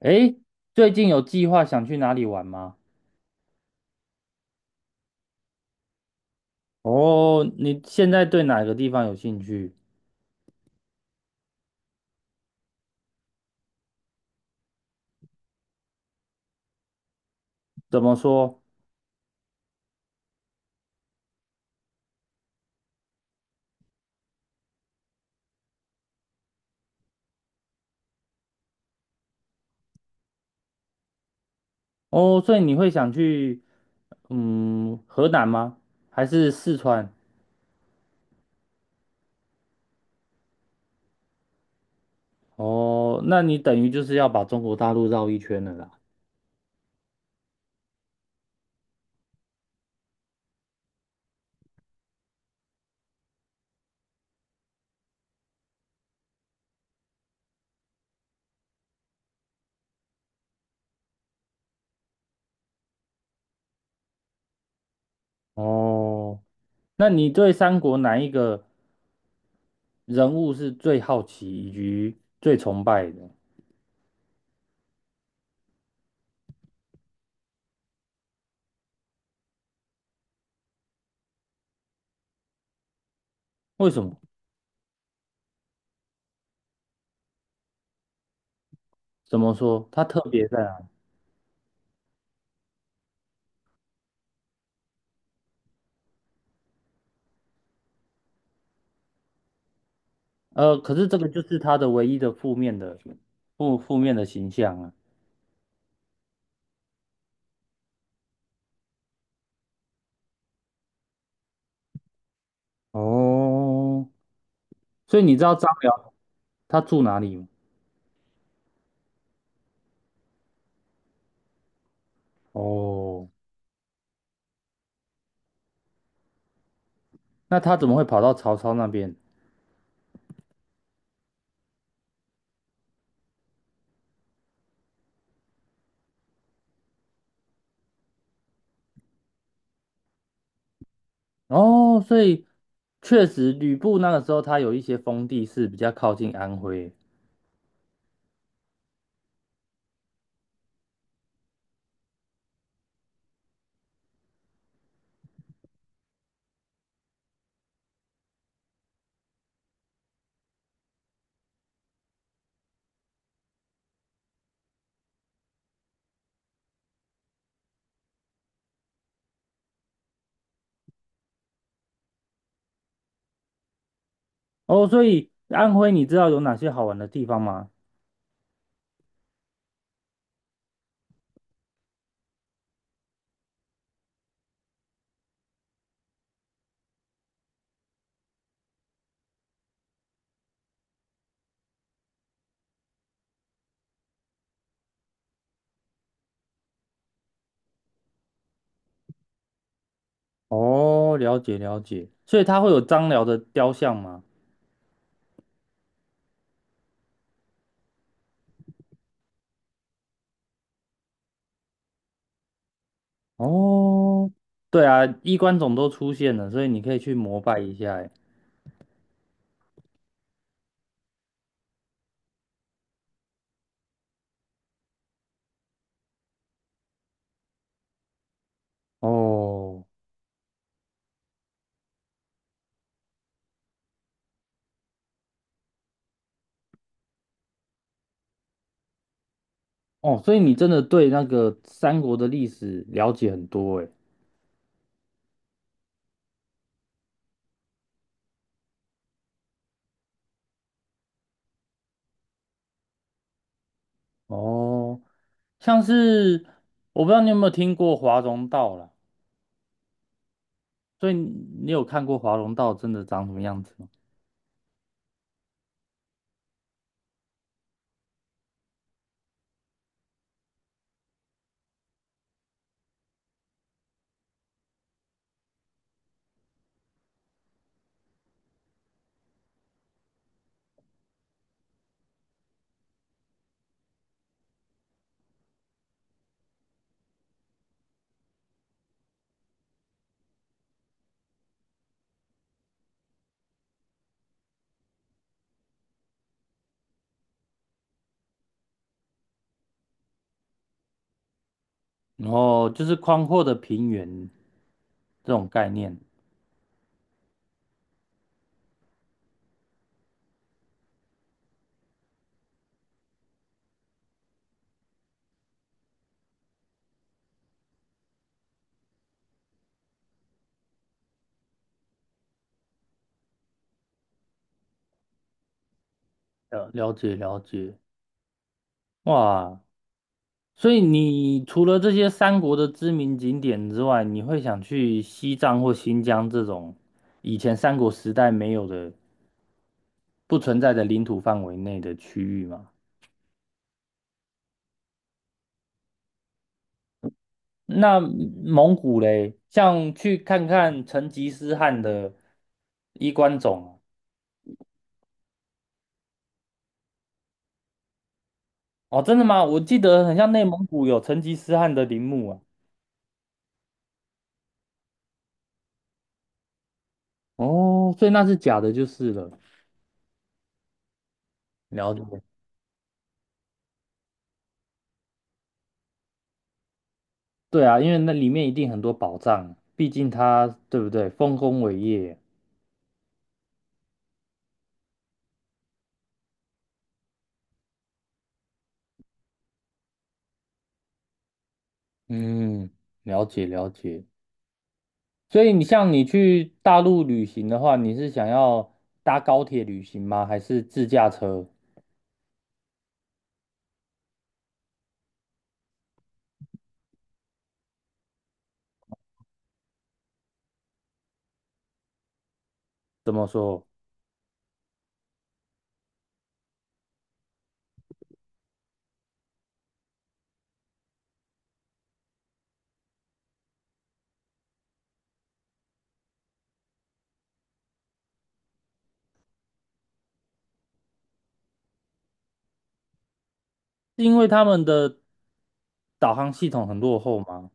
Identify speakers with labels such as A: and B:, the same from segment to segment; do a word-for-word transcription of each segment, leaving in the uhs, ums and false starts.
A: 诶，最近有计划想去哪里玩吗？哦，你现在对哪个地方有兴趣？怎么说？哦，所以你会想去，嗯，河南吗？还是四川？哦，那你等于就是要把中国大陆绕一圈了啦。哦，那你对三国哪一个人物是最好奇以及最崇拜的？为什么？怎么说？他特别在哪里呃，可是这个就是他的唯一的负面的负负面的形象啊。哦，所以你知道张辽他住哪里吗？哦，那他怎么会跑到曹操那边？哦，所以确实吕布那个时候他有一些封地是比较靠近安徽。哦，所以安徽你知道有哪些好玩的地方吗？哦，了解了解，所以他会有张辽的雕像吗？哦，对啊，衣冠冢都出现了，所以你可以去膜拜一下欸。哦哦，所以你真的对那个三国的历史了解很多哎。哦，像是我不知道你有没有听过华容道啦，所以你你有看过华容道真的长什么样子吗？然后就是宽阔的平原这种概念，了了解了解。哇，所以你除了这些三国的知名景点之外，你会想去西藏或新疆这种以前三国时代没有的、不存在的领土范围内的区域吗？那蒙古嘞，像去看看成吉思汗的衣冠冢啊。哦，真的吗？我记得很像内蒙古有成吉思汗的陵墓啊。哦，所以那是假的，就是了。了解。对啊，因为那里面一定很多宝藏啊，毕竟他，对不对？丰功伟业。嗯，了解了解。所以你像你去大陆旅行的话，你是想要搭高铁旅行吗？还是自驾车？怎么说？是因为他们的导航系统很落后吗？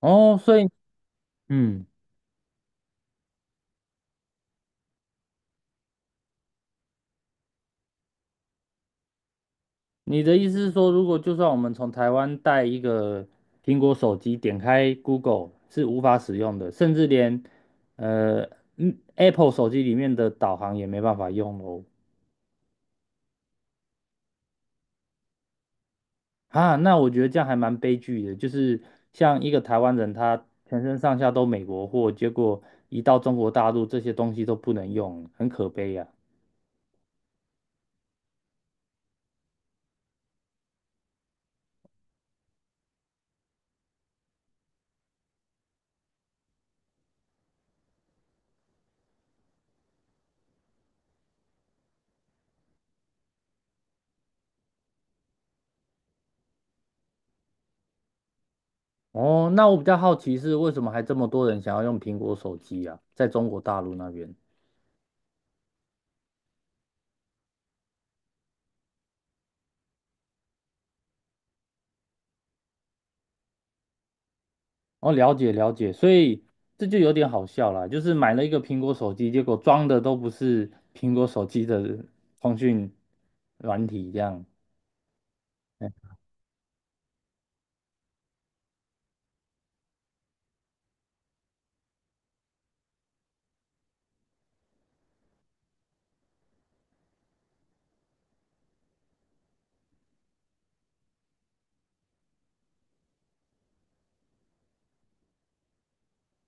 A: 哦，所以，嗯，你的意思是说，如果就算我们从台湾带一个苹果手机，点开 Google 是无法使用的，甚至连呃嗯 Apple 手机里面的导航也没办法用哦。啊，那我觉得这样还蛮悲剧的，就是像一个台湾人，他全身上下都美国货，结果一到中国大陆，这些东西都不能用，很可悲呀、哦，那我比较好奇是为什么还这么多人想要用苹果手机啊？在中国大陆那边，哦，了解了解，所以这就有点好笑了，就是买了一个苹果手机，结果装的都不是苹果手机的通讯软体，这样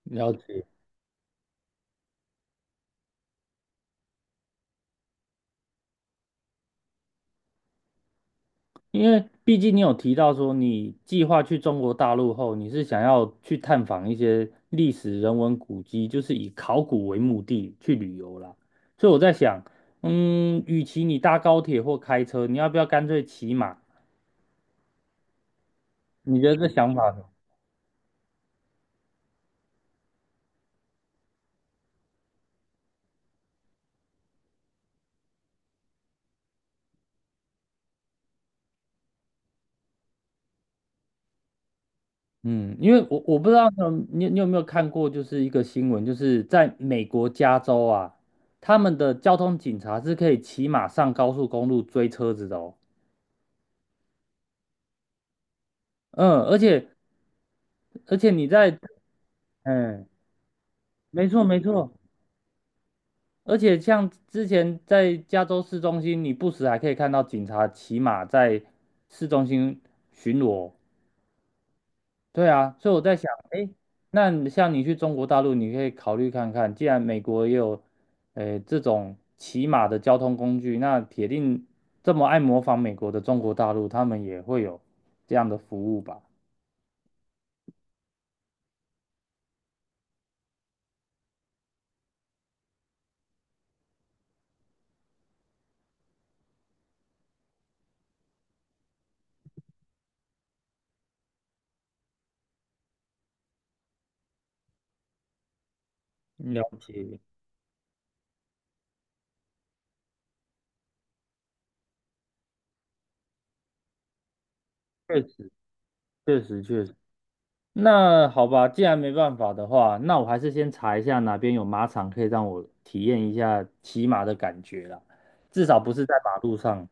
A: 了解。因为毕竟你有提到说，你计划去中国大陆后，你是想要去探访一些历史人文古迹，就是以考古为目的去旅游啦。所以我在想，嗯，与其你搭高铁或开车，你要不要干脆骑马？你觉得这想法呢？嗯，因为我我不知道你你有没有看过，就是一个新闻，就是在美国加州啊，他们的交通警察是可以骑马上高速公路追车子的哦。嗯，而且而且你在嗯。没错没错，而且像之前在加州市中心，你不时还可以看到警察骑马在市中心巡逻。对啊，所以我在想，哎，那你像你去中国大陆，你可以考虑看看，既然美国也有，诶，这种骑马的交通工具，那铁定这么爱模仿美国的中国大陆，他们也会有这样的服务吧？嗯了解，确实确实确实。那好吧，既然没办法的话，那我还是先查一下哪边有马场可以让我体验一下骑马的感觉了，至少不是在马路上。